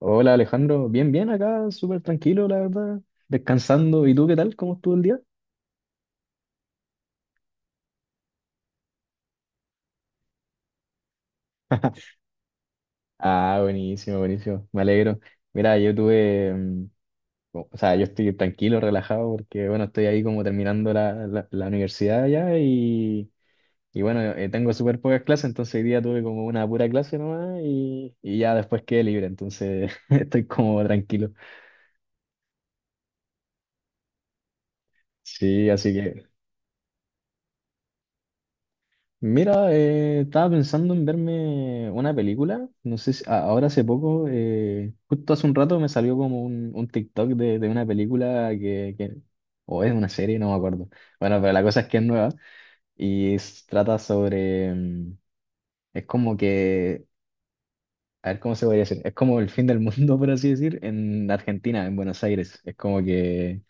Hola Alejandro, bien, bien acá, súper tranquilo, la verdad, descansando. ¿Y tú qué tal? ¿Cómo estuvo el día? Ah, buenísimo, buenísimo, me alegro. Mira, yo tuve, o sea, yo estoy tranquilo, relajado, porque bueno, estoy ahí como terminando la universidad ya y bueno, tengo súper pocas clases, entonces hoy día tuve como una pura clase nomás y ya después quedé libre, entonces estoy como tranquilo. Sí, así que... Mira, estaba pensando en verme una película, no sé si ahora hace poco, justo hace un rato me salió como un TikTok de una película que o es una serie, no me acuerdo. Bueno, pero la cosa es que es nueva y trata sobre, es como que, a ver cómo se podría decir, es como el fin del mundo, por así decir, en Argentina, en Buenos Aires. Es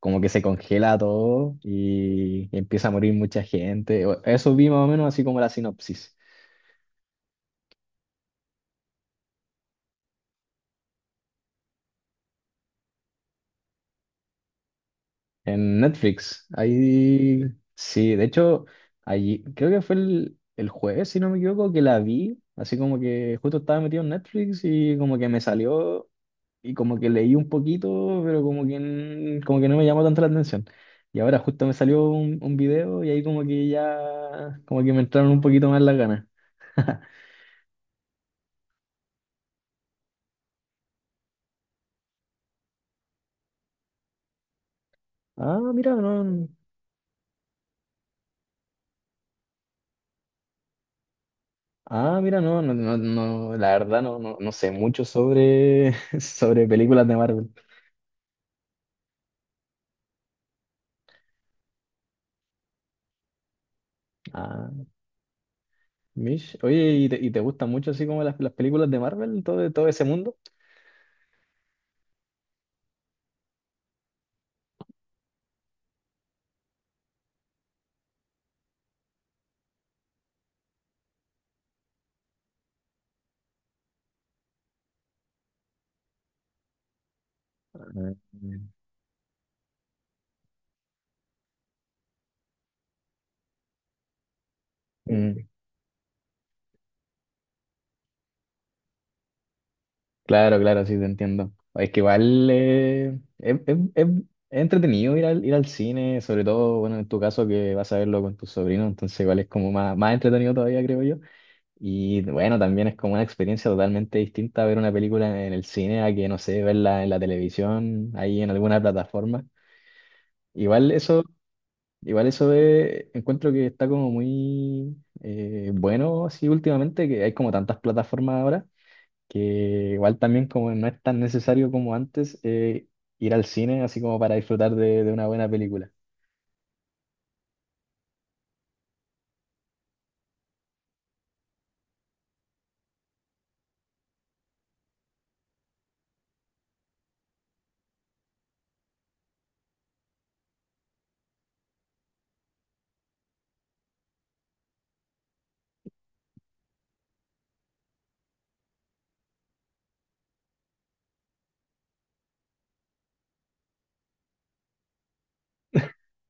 como que se congela todo y empieza a morir mucha gente. Eso vi más o menos así como la sinopsis. En Netflix, ahí sí, de hecho, allí creo que fue el jueves, si no me equivoco, que la vi, así como que justo estaba metido en Netflix y como que me salió y como que leí un poquito, pero como que, como que no me llamó tanto la atención. Y ahora justo me salió un video y ahí como que ya, como que me entraron un poquito más las ganas. Ah, mira, no. Ah, mira, no, no, no, no, la verdad no, no, no sé mucho sobre, sobre películas de Marvel. Ah, Mish, oye, ¿y y te gustan mucho así como las películas de Marvel, todo, todo ese mundo? Ah. Mm, claro, claro, sí, te entiendo. Es que igual es entretenido ir al cine, sobre todo, bueno, en tu caso que vas a verlo con tus sobrinos, entonces igual es como más, más entretenido todavía, creo yo. Y bueno, también es como una experiencia totalmente distinta ver una película en el cine a que, no sé, verla en la televisión, ahí en alguna plataforma. Igual eso Igual eso de, encuentro que está como muy bueno así últimamente, que hay como tantas plataformas ahora, que igual también como no es tan necesario como antes ir al cine así como para disfrutar de una buena película.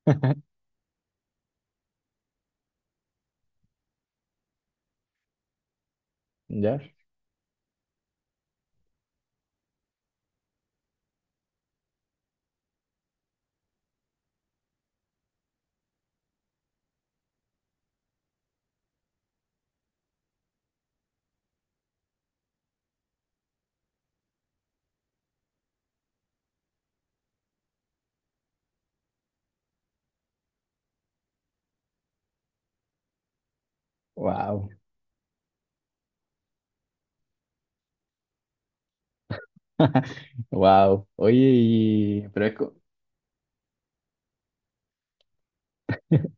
¿Ya? Wow. Wow. Oye, y,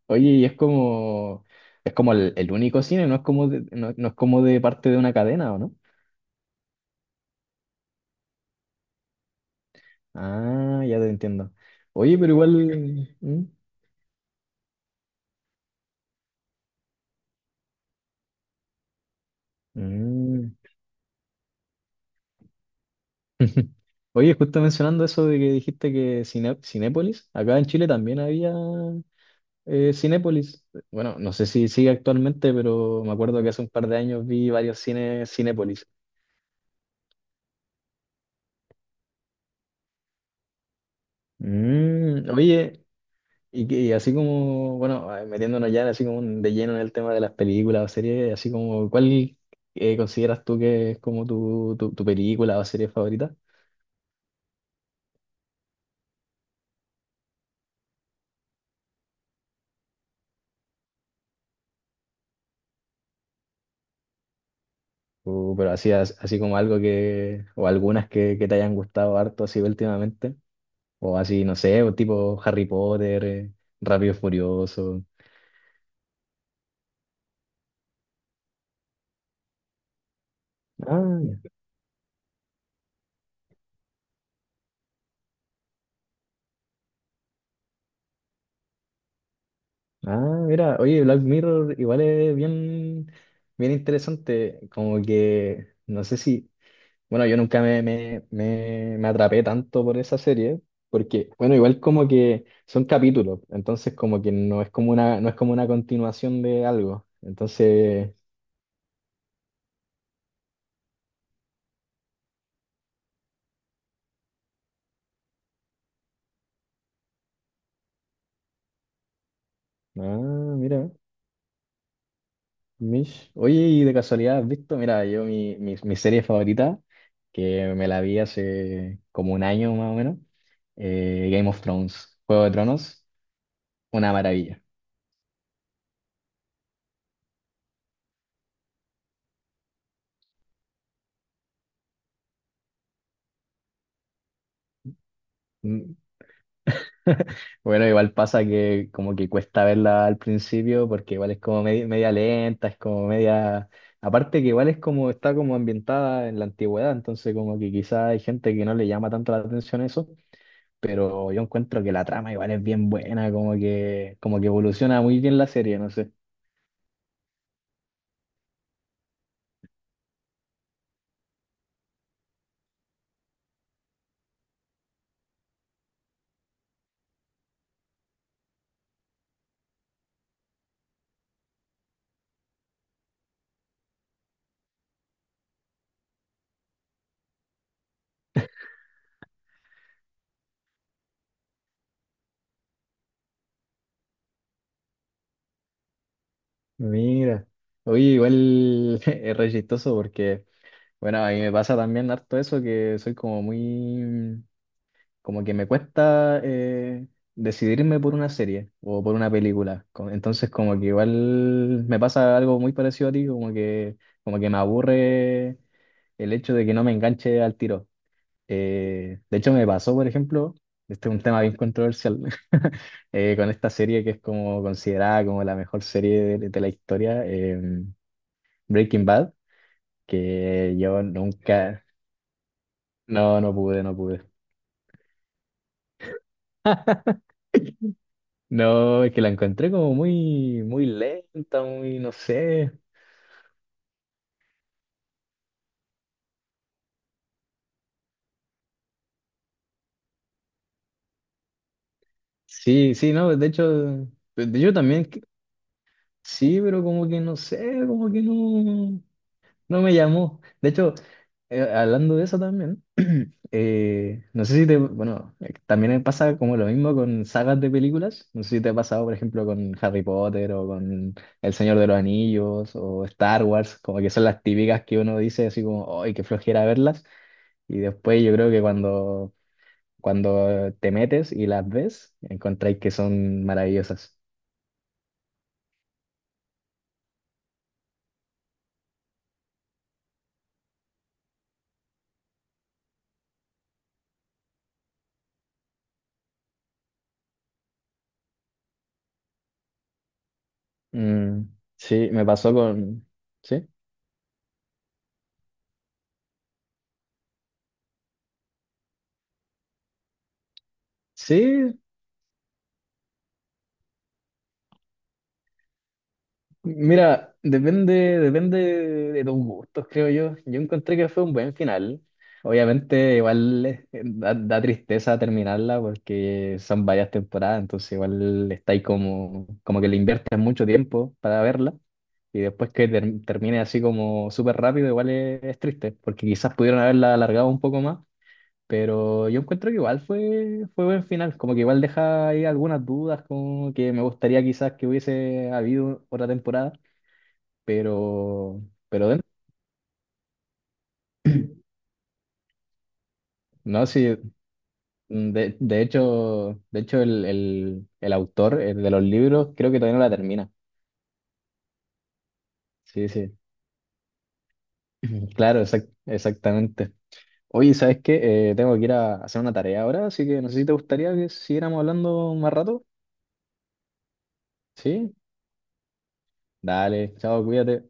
oye, y es como el único cine, no es como de, no, no es como de parte de una cadena, ¿o no? Ah, ya te entiendo. Oye, pero igual... ¿Mm? Mm. Oye, justo mencionando eso de que dijiste que Cinépolis, acá en Chile también había Cinépolis. Bueno, no sé si sigue actualmente, pero me acuerdo que hace un par de años vi varios cines Cinépolis. Mm, oye, y, y así como, bueno, ah, metiéndonos ya así como de lleno en el tema de las películas o series, así como, ¿cuál consideras tú que es como tu película o serie favorita? O, pero así, así como algo que, o algunas que te hayan gustado harto así últimamente. O así, no sé, o tipo Harry Potter, Rápido y Furioso. Ah, ya. Ah, mira, oye, Black Mirror igual es bien, bien interesante, como que, no sé si, bueno, yo nunca me atrapé tanto por esa serie, porque, bueno, igual como que son capítulos, entonces como que no es como una, no es como una continuación de algo, entonces, ah, mira. Mish. Oye, y de casualidad, ¿has visto? Mira, yo mi serie favorita, que me la vi hace como un año más o menos, Game of Thrones, Juego de Tronos, una maravilla. Mm. Bueno, igual pasa que como que cuesta verla al principio porque igual es como media, media lenta, es como media... Aparte que igual es como está como ambientada en la antigüedad, entonces como que quizá hay gente que no le llama tanto la atención eso. Pero yo encuentro que la trama igual es bien buena, como que evoluciona muy bien la serie, no sé. Mira, oye, igual es re chistoso porque, bueno, a mí me pasa también harto eso, que soy como muy, como que me cuesta decidirme por una serie o por una película. Entonces, como que igual me pasa algo muy parecido a ti, como que me aburre el hecho de que no me enganche al tiro. De hecho, me pasó, por ejemplo, este es un tema bien controversial, con esta serie que es como considerada como la mejor serie de la historia, Breaking Bad, que yo nunca, no, no pude, no pude. No, es que la encontré como muy, muy lenta, muy, no sé. Sí, sí, no, de hecho, yo también, sí, pero como que no sé, como que no. No me llamó. De hecho, hablando de eso también, no sé si te, bueno, también me pasa como lo mismo con sagas de películas. No sé si te ha pasado, por ejemplo, con Harry Potter o con El Señor de los Anillos o Star Wars, como que son las típicas que uno dice así como, ¡ay, qué flojera verlas! Y después yo creo que cuando, cuando te metes y las ves, encontráis que son maravillosas. Mm, sí, me pasó con... ¿Sí? Sí, mira, depende, depende de tus gustos, creo yo. Yo encontré que fue un buen final. Obviamente, igual da, da tristeza terminarla porque son varias temporadas, entonces igual está ahí como, como que le inviertes mucho tiempo para verla y después que termine así como súper rápido, igual es triste porque quizás pudieron haberla alargado un poco más, pero yo encuentro que igual fue, fue buen final, como que igual deja ahí algunas dudas, como que me gustaría quizás que hubiese habido otra temporada pero, pero de- no, sí, mm, de hecho el autor el de los libros creo que todavía no la termina. Sí, sí, claro, exactamente. Oye, ¿sabes qué? Tengo que ir a hacer una tarea ahora, así que no sé si te gustaría que siguiéramos hablando más rato. ¿Sí? Dale, chao, cuídate.